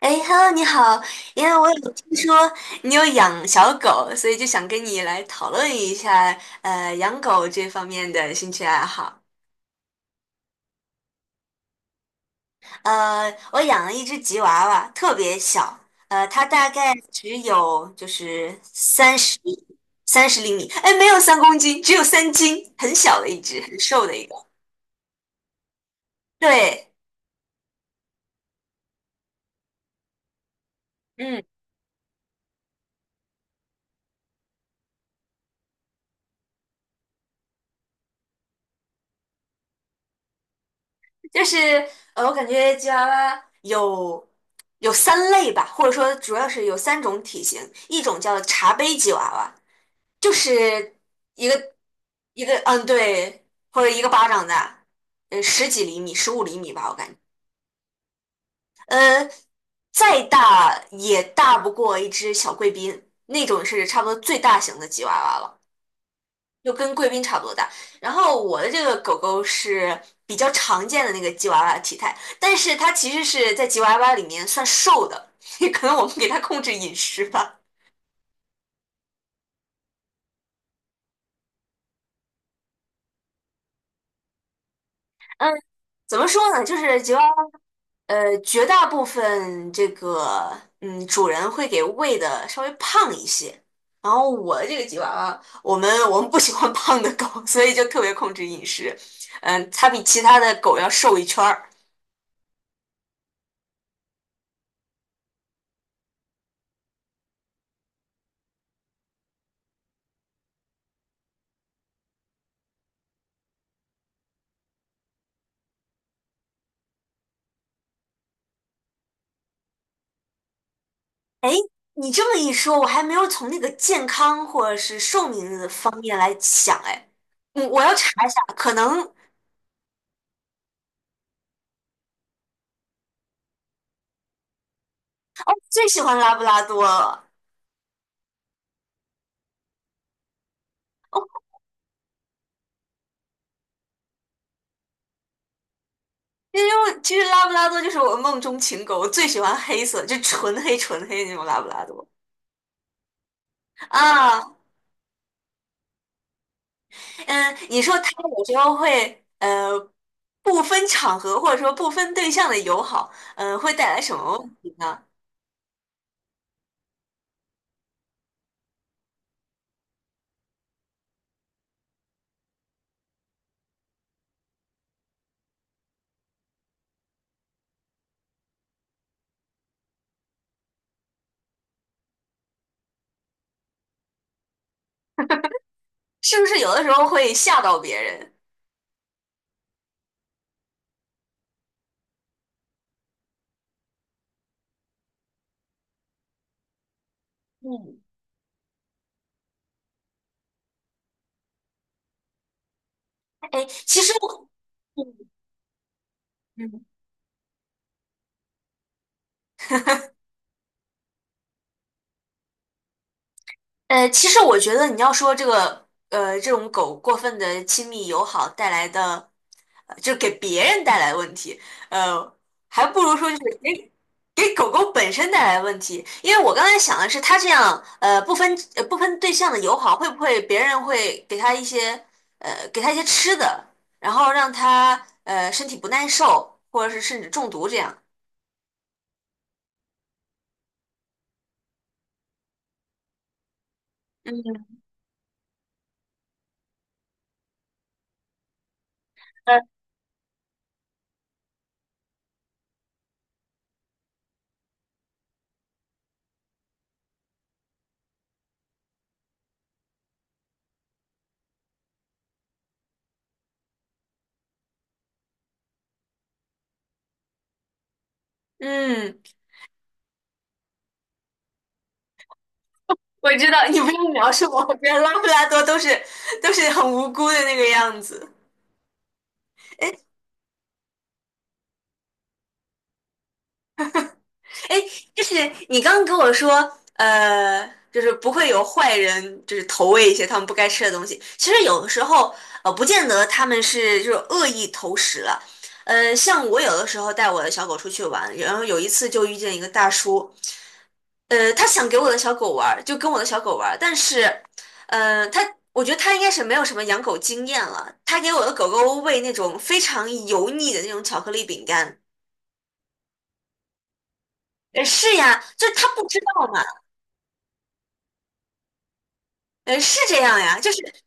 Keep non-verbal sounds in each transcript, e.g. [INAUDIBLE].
哎，Hello，你好，因为我有听说你有养小狗，所以就想跟你来讨论一下，养狗这方面的兴趣爱好。我养了一只吉娃娃，特别小，它大概只有就是三十厘米，哎，没有3公斤，只有3斤，很小的一只，很瘦的一个。对。嗯。就是我感觉吉娃娃有三类吧，或者说主要是有三种体型，一种叫茶杯吉娃娃，就是一个一个，嗯，对，或者一个巴掌大。十几厘米、15厘米吧，我感觉。呃，再大也大不过一只小贵宾，那种是差不多最大型的吉娃娃了。就跟贵宾差不多大。然后我的这个狗狗是比较常见的那个吉娃娃体态，但是它其实是在吉娃娃里面算瘦的，[LAUGHS] 也可能我们给它控制饮食吧。嗯。[LAUGHS] 怎么说呢？就是吉娃娃，绝大部分这个主人会给喂的稍微胖一些。然后我的这个吉娃娃，我们不喜欢 [LAUGHS] 胖的狗，所以就特别控制饮食。嗯，它比其他的狗要瘦一圈儿。哎，你这么一说，我还没有从那个健康或者是寿命的方面来想。哎，我要查一下，可能。最喜欢拉布拉多了，因为其实拉布拉多就是我梦中情狗，我最喜欢黑色，就纯黑纯黑的那种拉布拉多啊。嗯，你说它有时候会不分场合或者说不分对象的友好，会带来什么问题呢？是不是有的时候会吓到别人？嗯。哎，其实我。嗯,嗯,其实我觉得你要说这个，这种狗过分的亲密友好带来的，就是给别人带来的问题，呃，还不如说就是给狗狗本身带来的问题。因为我刚才想的是，它这样，不分对象的友好，会不会别人会给它一些，给它一些吃的，然后让它身体不耐受，或者是甚至中毒这样。嗯呃嗯，我知道，你不用描述我，我觉得拉布拉多都是很无辜的那个样子。哎，哎，就是你刚刚跟我说，呃，就是不会有坏人，就是投喂一些他们不该吃的东西。其实有的时候，不见得他们是就是恶意投食了。像我有的时候带我的小狗出去玩，然后有一次就遇见一个大叔，他想给我的小狗玩儿就跟我的小狗玩儿但是，呃，他我觉得他应该是没有什么养狗经验了，他给我的狗狗喂那种非常油腻的那种巧克力饼干。是呀，就是他不知道嘛。是这样呀，就是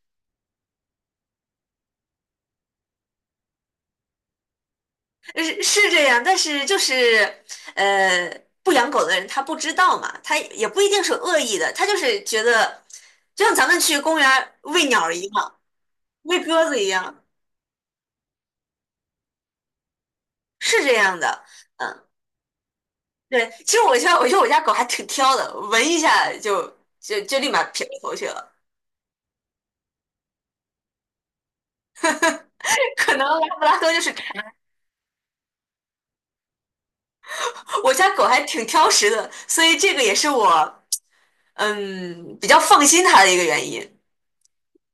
是这样，但是就是呃，不养狗的人他不知道嘛，他也不一定是恶意的，他就是觉得，就像咱们去公园儿喂鸟儿一样，喂鸽子一样，是这样的。嗯，对，其实我觉得我家狗还挺挑的，闻一下就立马撇过头去了。[LAUGHS] 可能拉布拉多就是这样。我家狗还挺挑食的，所以这个也是我比较放心它的一个原因。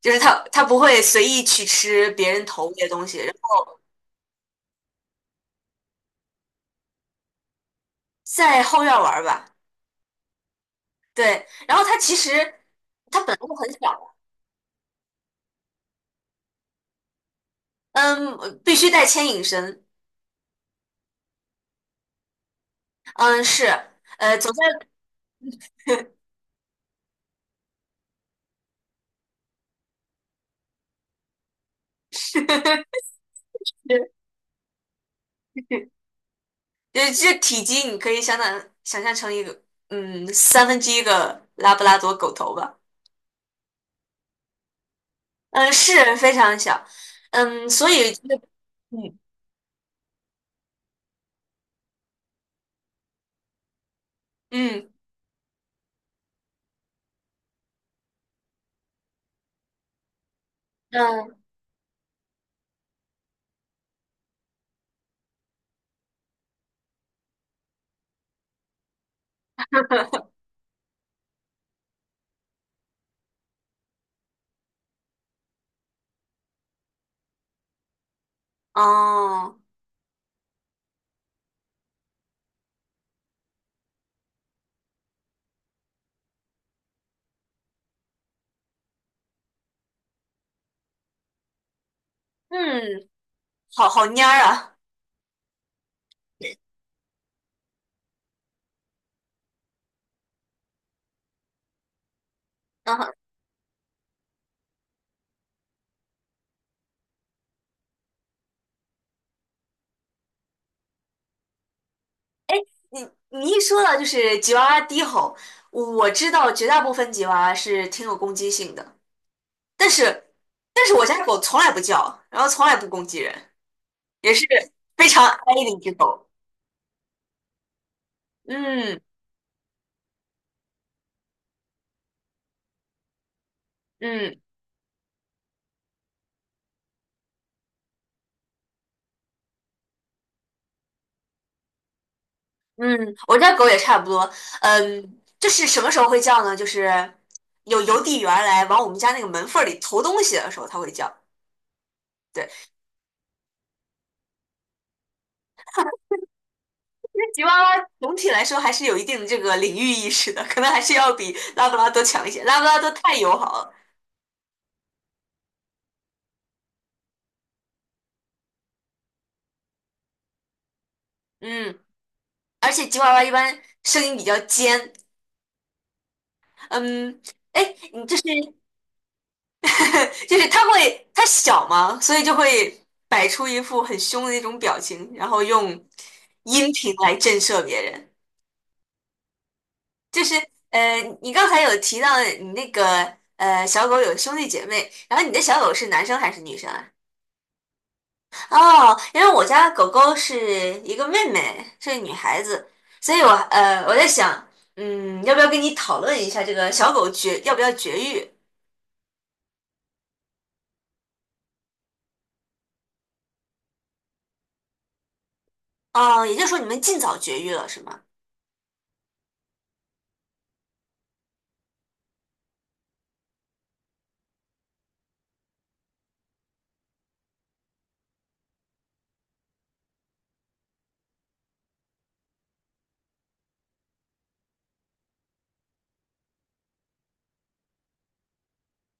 就是它不会随意去吃别人投喂的东西，然后在后院玩儿吧。对，然后它其实它本来就很小。嗯，必须带牵引绳。嗯，是。呃，走在 [LAUGHS]，这体积你可以相当想象成一个，三分之一个拉布拉多狗头吧。嗯，是非常小。嗯，所以这个。嗯，嗯，嗯。哦。嗯，好好蔫儿啊。嗯哼。你你一说到就是吉娃娃低吼，我知道绝大部分吉娃娃是挺有攻击性的，但是我家狗从来不叫，然后从来不攻击人，也是非常哀的一只狗。嗯，嗯，嗯，我家狗也差不多。嗯，就是什么时候会叫呢？就是有邮递员来往我们家那个门缝儿里投东西的时候，它会叫。对，因为吉娃娃总体来说还是有一定的这个领域意识的，可能还是要比拉布拉多强一些。拉布拉多太友好了。嗯，而且吉娃娃一般声音比较尖。嗯，哎，你就是 [LAUGHS] 就是它小嘛，所以就会摆出一副很凶的那种表情，然后用音频来震慑别人。就是呃，你刚才有提到你那个小狗有兄弟姐妹，然后你的小狗是男生还是女生啊？哦，因为我家狗狗是一个妹妹，是个女孩子，所以我在想，嗯，要不要跟你讨论一下这个小狗要不要绝育？啊，也就是说你们尽早绝育了是吗？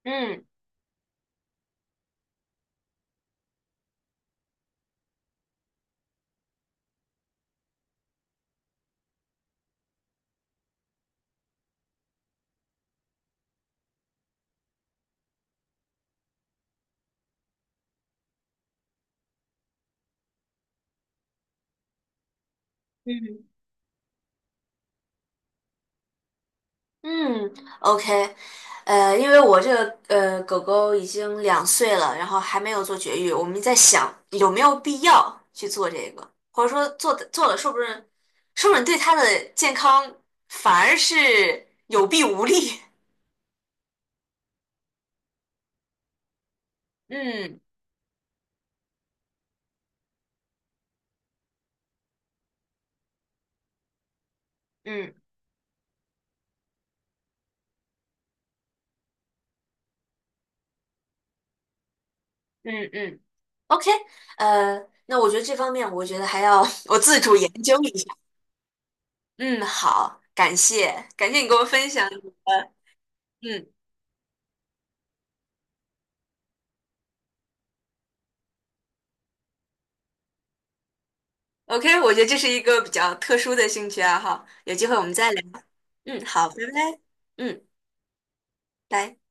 嗯，嗯。嗯，OK。因为我这个狗狗已经2岁了，然后还没有做绝育，我们在想有没有必要去做这个，或者说做了，说不准对它的健康反而是有弊无利。嗯，嗯，嗯，嗯，OK。那我觉得这方面，我觉得还要 [LAUGHS] 我自主研究一下。嗯，好，感谢，感谢你给我分享你的。嗯，OK,我觉得这是一个比较特殊的兴趣爱好，有机会我们再聊。嗯，好，拜拜。嗯，拜。